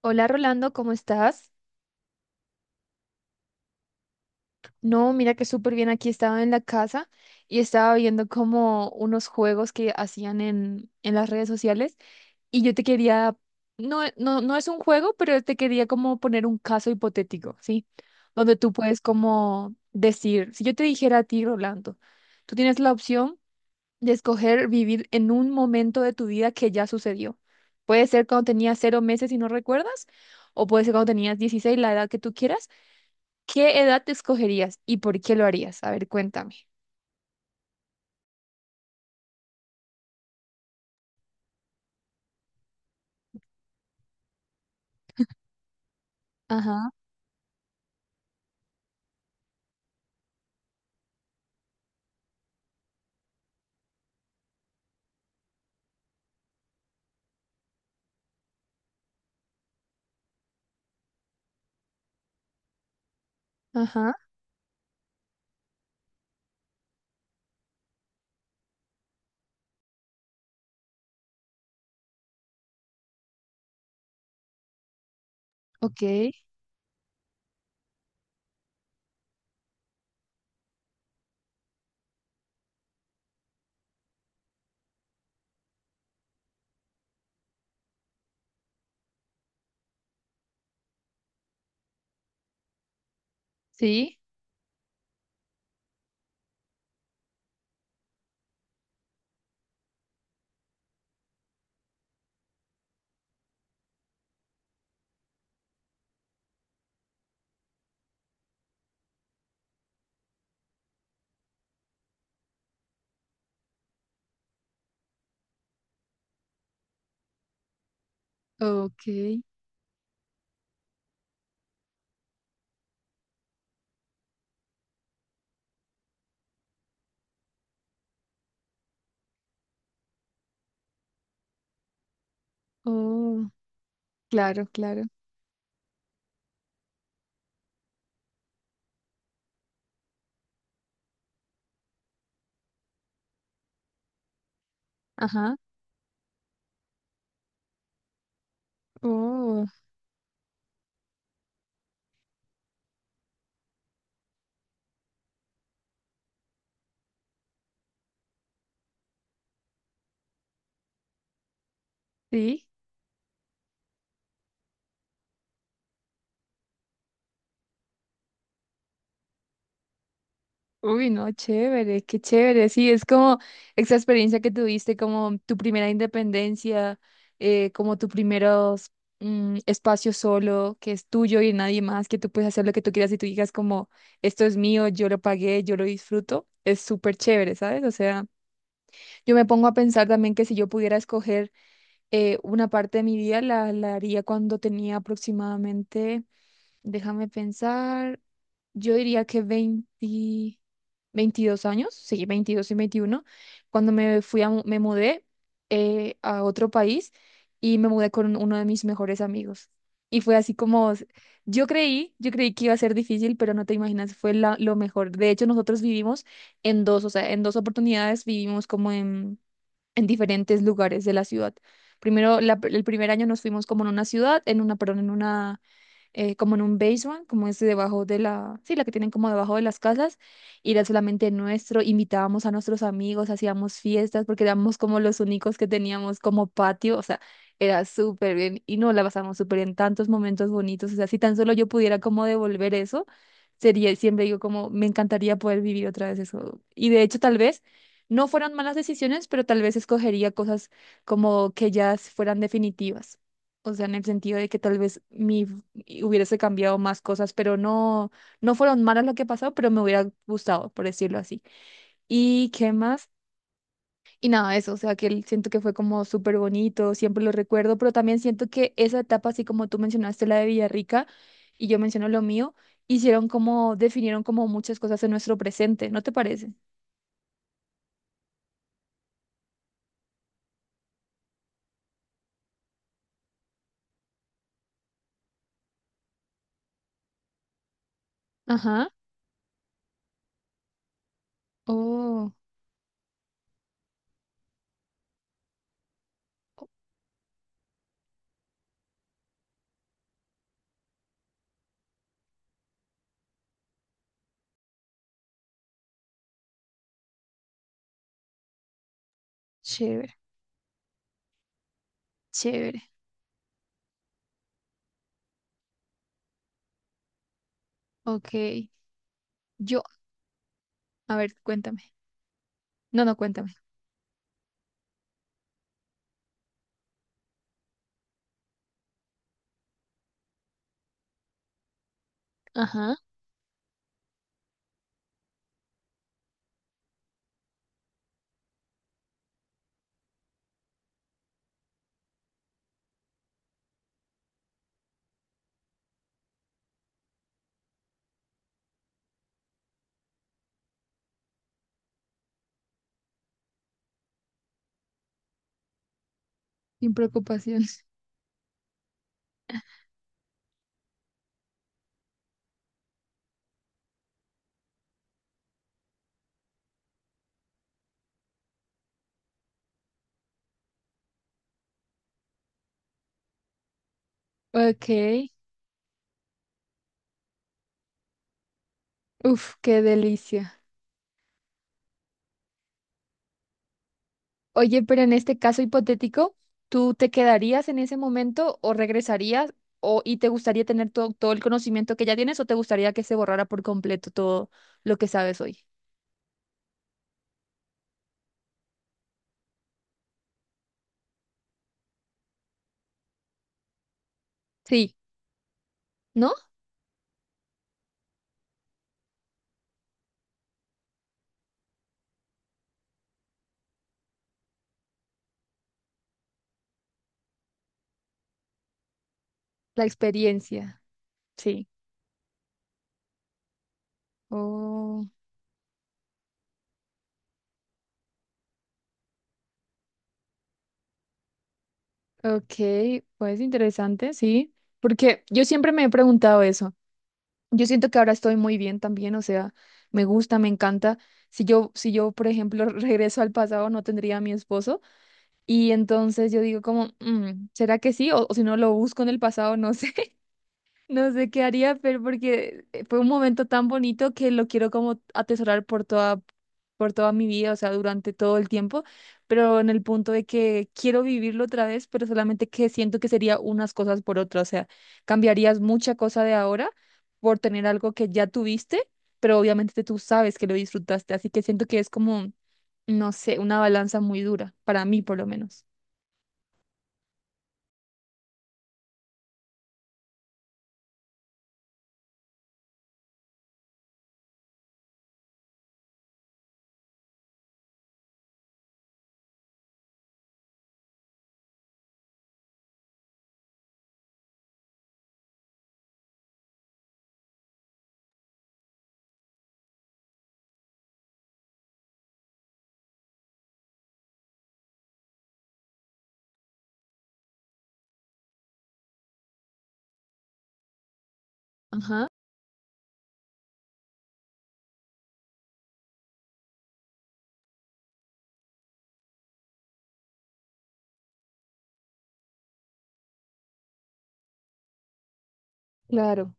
Hola Rolando, ¿cómo estás? No, mira que súper bien. Aquí estaba en la casa y estaba viendo como unos juegos que hacían en las redes sociales y yo te quería, no, no, no es un juego, pero te quería como poner un caso hipotético, ¿sí? Donde tú puedes como decir, si yo te dijera a ti, Rolando, tú tienes la opción de escoger vivir en un momento de tu vida que ya sucedió. Puede ser cuando tenías 0 meses y no recuerdas, o puede ser cuando tenías 16, la edad que tú quieras. ¿Qué edad te escogerías y por qué lo harías? A ver, cuéntame. Ajá, ajá, ok, sí, ok, oh, claro, claro, ajá, oh, sí, uy, no, chévere, qué chévere, sí, es como esa experiencia que tuviste, como tu primera independencia, como tu primeros espacio solo, que es tuyo y de nadie más, que tú puedes hacer lo que tú quieras y tú digas como, esto es mío, yo lo pagué, yo lo disfruto, es súper chévere, ¿sabes? O sea... Yo me pongo a pensar también que si yo pudiera escoger una parte de mi vida, la haría cuando tenía aproximadamente, déjame pensar, yo diría que 20, 22 años, sí, 22 y 21 cuando me mudé a otro país y me mudé con uno de mis mejores amigos. Y fue así como, yo creí que iba a ser difícil, pero no te imaginas, fue lo mejor. De hecho, nosotros vivimos en dos, o sea, en dos oportunidades vivimos como en diferentes lugares de la ciudad. Primero, el primer año nos fuimos como en una ciudad, en una, perdón, en una como en un basement, como es debajo de la, sí, la que tienen como debajo de las casas, y era solamente nuestro, invitábamos a nuestros amigos, hacíamos fiestas, porque éramos como los únicos que teníamos como patio, o sea, era súper bien, y no la pasamos súper bien, tantos momentos bonitos, o sea, si tan solo yo pudiera como devolver eso, sería, siempre digo como, me encantaría poder vivir otra vez eso, y de hecho tal vez... No fueron malas decisiones, pero tal vez escogería cosas como que ya fueran definitivas. O sea, en el sentido de que tal vez mi y hubiese cambiado más cosas, pero no, no fueron malas lo que pasó, pero me hubiera gustado, por decirlo así. ¿Y qué más? Y nada, eso, o sea, que siento que fue como súper bonito, siempre lo recuerdo, pero también siento que esa etapa, así como tú mencionaste la de Villarrica y yo menciono lo mío, hicieron como, definieron como muchas cosas en nuestro presente, ¿no te parece? Ajá. Oh, oh, chévere, chévere. Ok. Yo, A ver, cuéntame. No, no, cuéntame. Ajá, sin preocupación. Ok. Uf, qué delicia. Oye, pero en este caso hipotético, ¿tú te quedarías en ese momento o regresarías o y te gustaría tener todo, todo el conocimiento que ya tienes o te gustaría que se borrara por completo todo lo que sabes hoy? Sí, ¿no? La experiencia. Sí. Oh, ok, pues interesante, sí. Porque yo siempre me he preguntado eso. Yo siento que ahora estoy muy bien también, o sea, me gusta, me encanta. Si yo, por ejemplo, regreso al pasado, no tendría a mi esposo. Y entonces yo digo como, "Mm, ¿será que sí? O si no lo busco en el pasado, no sé, no sé qué haría, pero porque fue un momento tan bonito que lo quiero como atesorar por toda mi vida, o sea, durante todo el tiempo, pero en el punto de que quiero vivirlo otra vez, pero solamente que siento que sería unas cosas por otras, o sea, cambiarías mucha cosa de ahora por tener algo que ya tuviste, pero obviamente tú sabes que lo disfrutaste, así que siento que es como, no sé, una balanza muy dura, para mí por lo menos. Ajá, claro.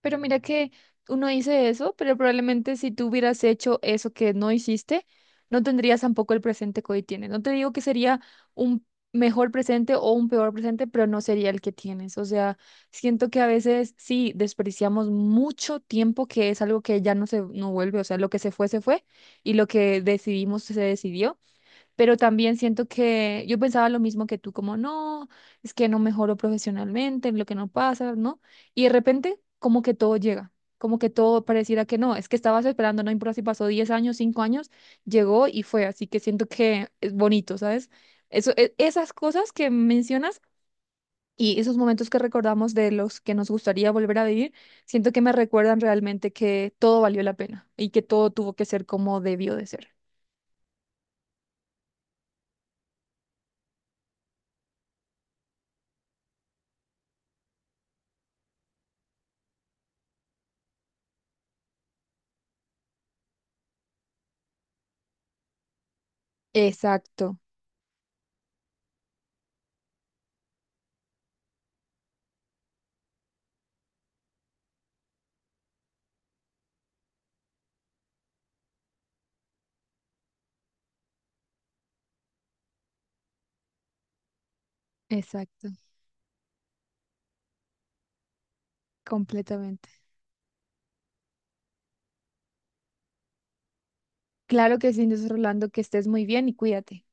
Pero mira que uno dice eso, pero probablemente si tú hubieras hecho eso que no hiciste, no tendrías tampoco el presente que hoy tienes. No te digo que sería un mejor presente o un peor presente, pero no sería el que tienes. O sea, siento que a veces sí desperdiciamos mucho tiempo, que es algo que ya no se no vuelve. O sea, lo que se fue, y lo que decidimos, se decidió. Pero también siento que yo pensaba lo mismo que tú, como no, es que no mejoro profesionalmente, lo que no pasa, ¿no? Y de repente, como que todo llega, como que todo pareciera que no, es que estabas esperando, no importa si pasó 10 años, 5 años, llegó y fue, así que siento que es bonito, ¿sabes? Eso, esas cosas que mencionas y esos momentos que recordamos de los que nos gustaría volver a vivir, siento que me recuerdan realmente que todo valió la pena y que todo tuvo que ser como debió de ser. Exacto, exacto. Completamente. Claro que sí, Inés Rolando, que estés muy bien y cuídate.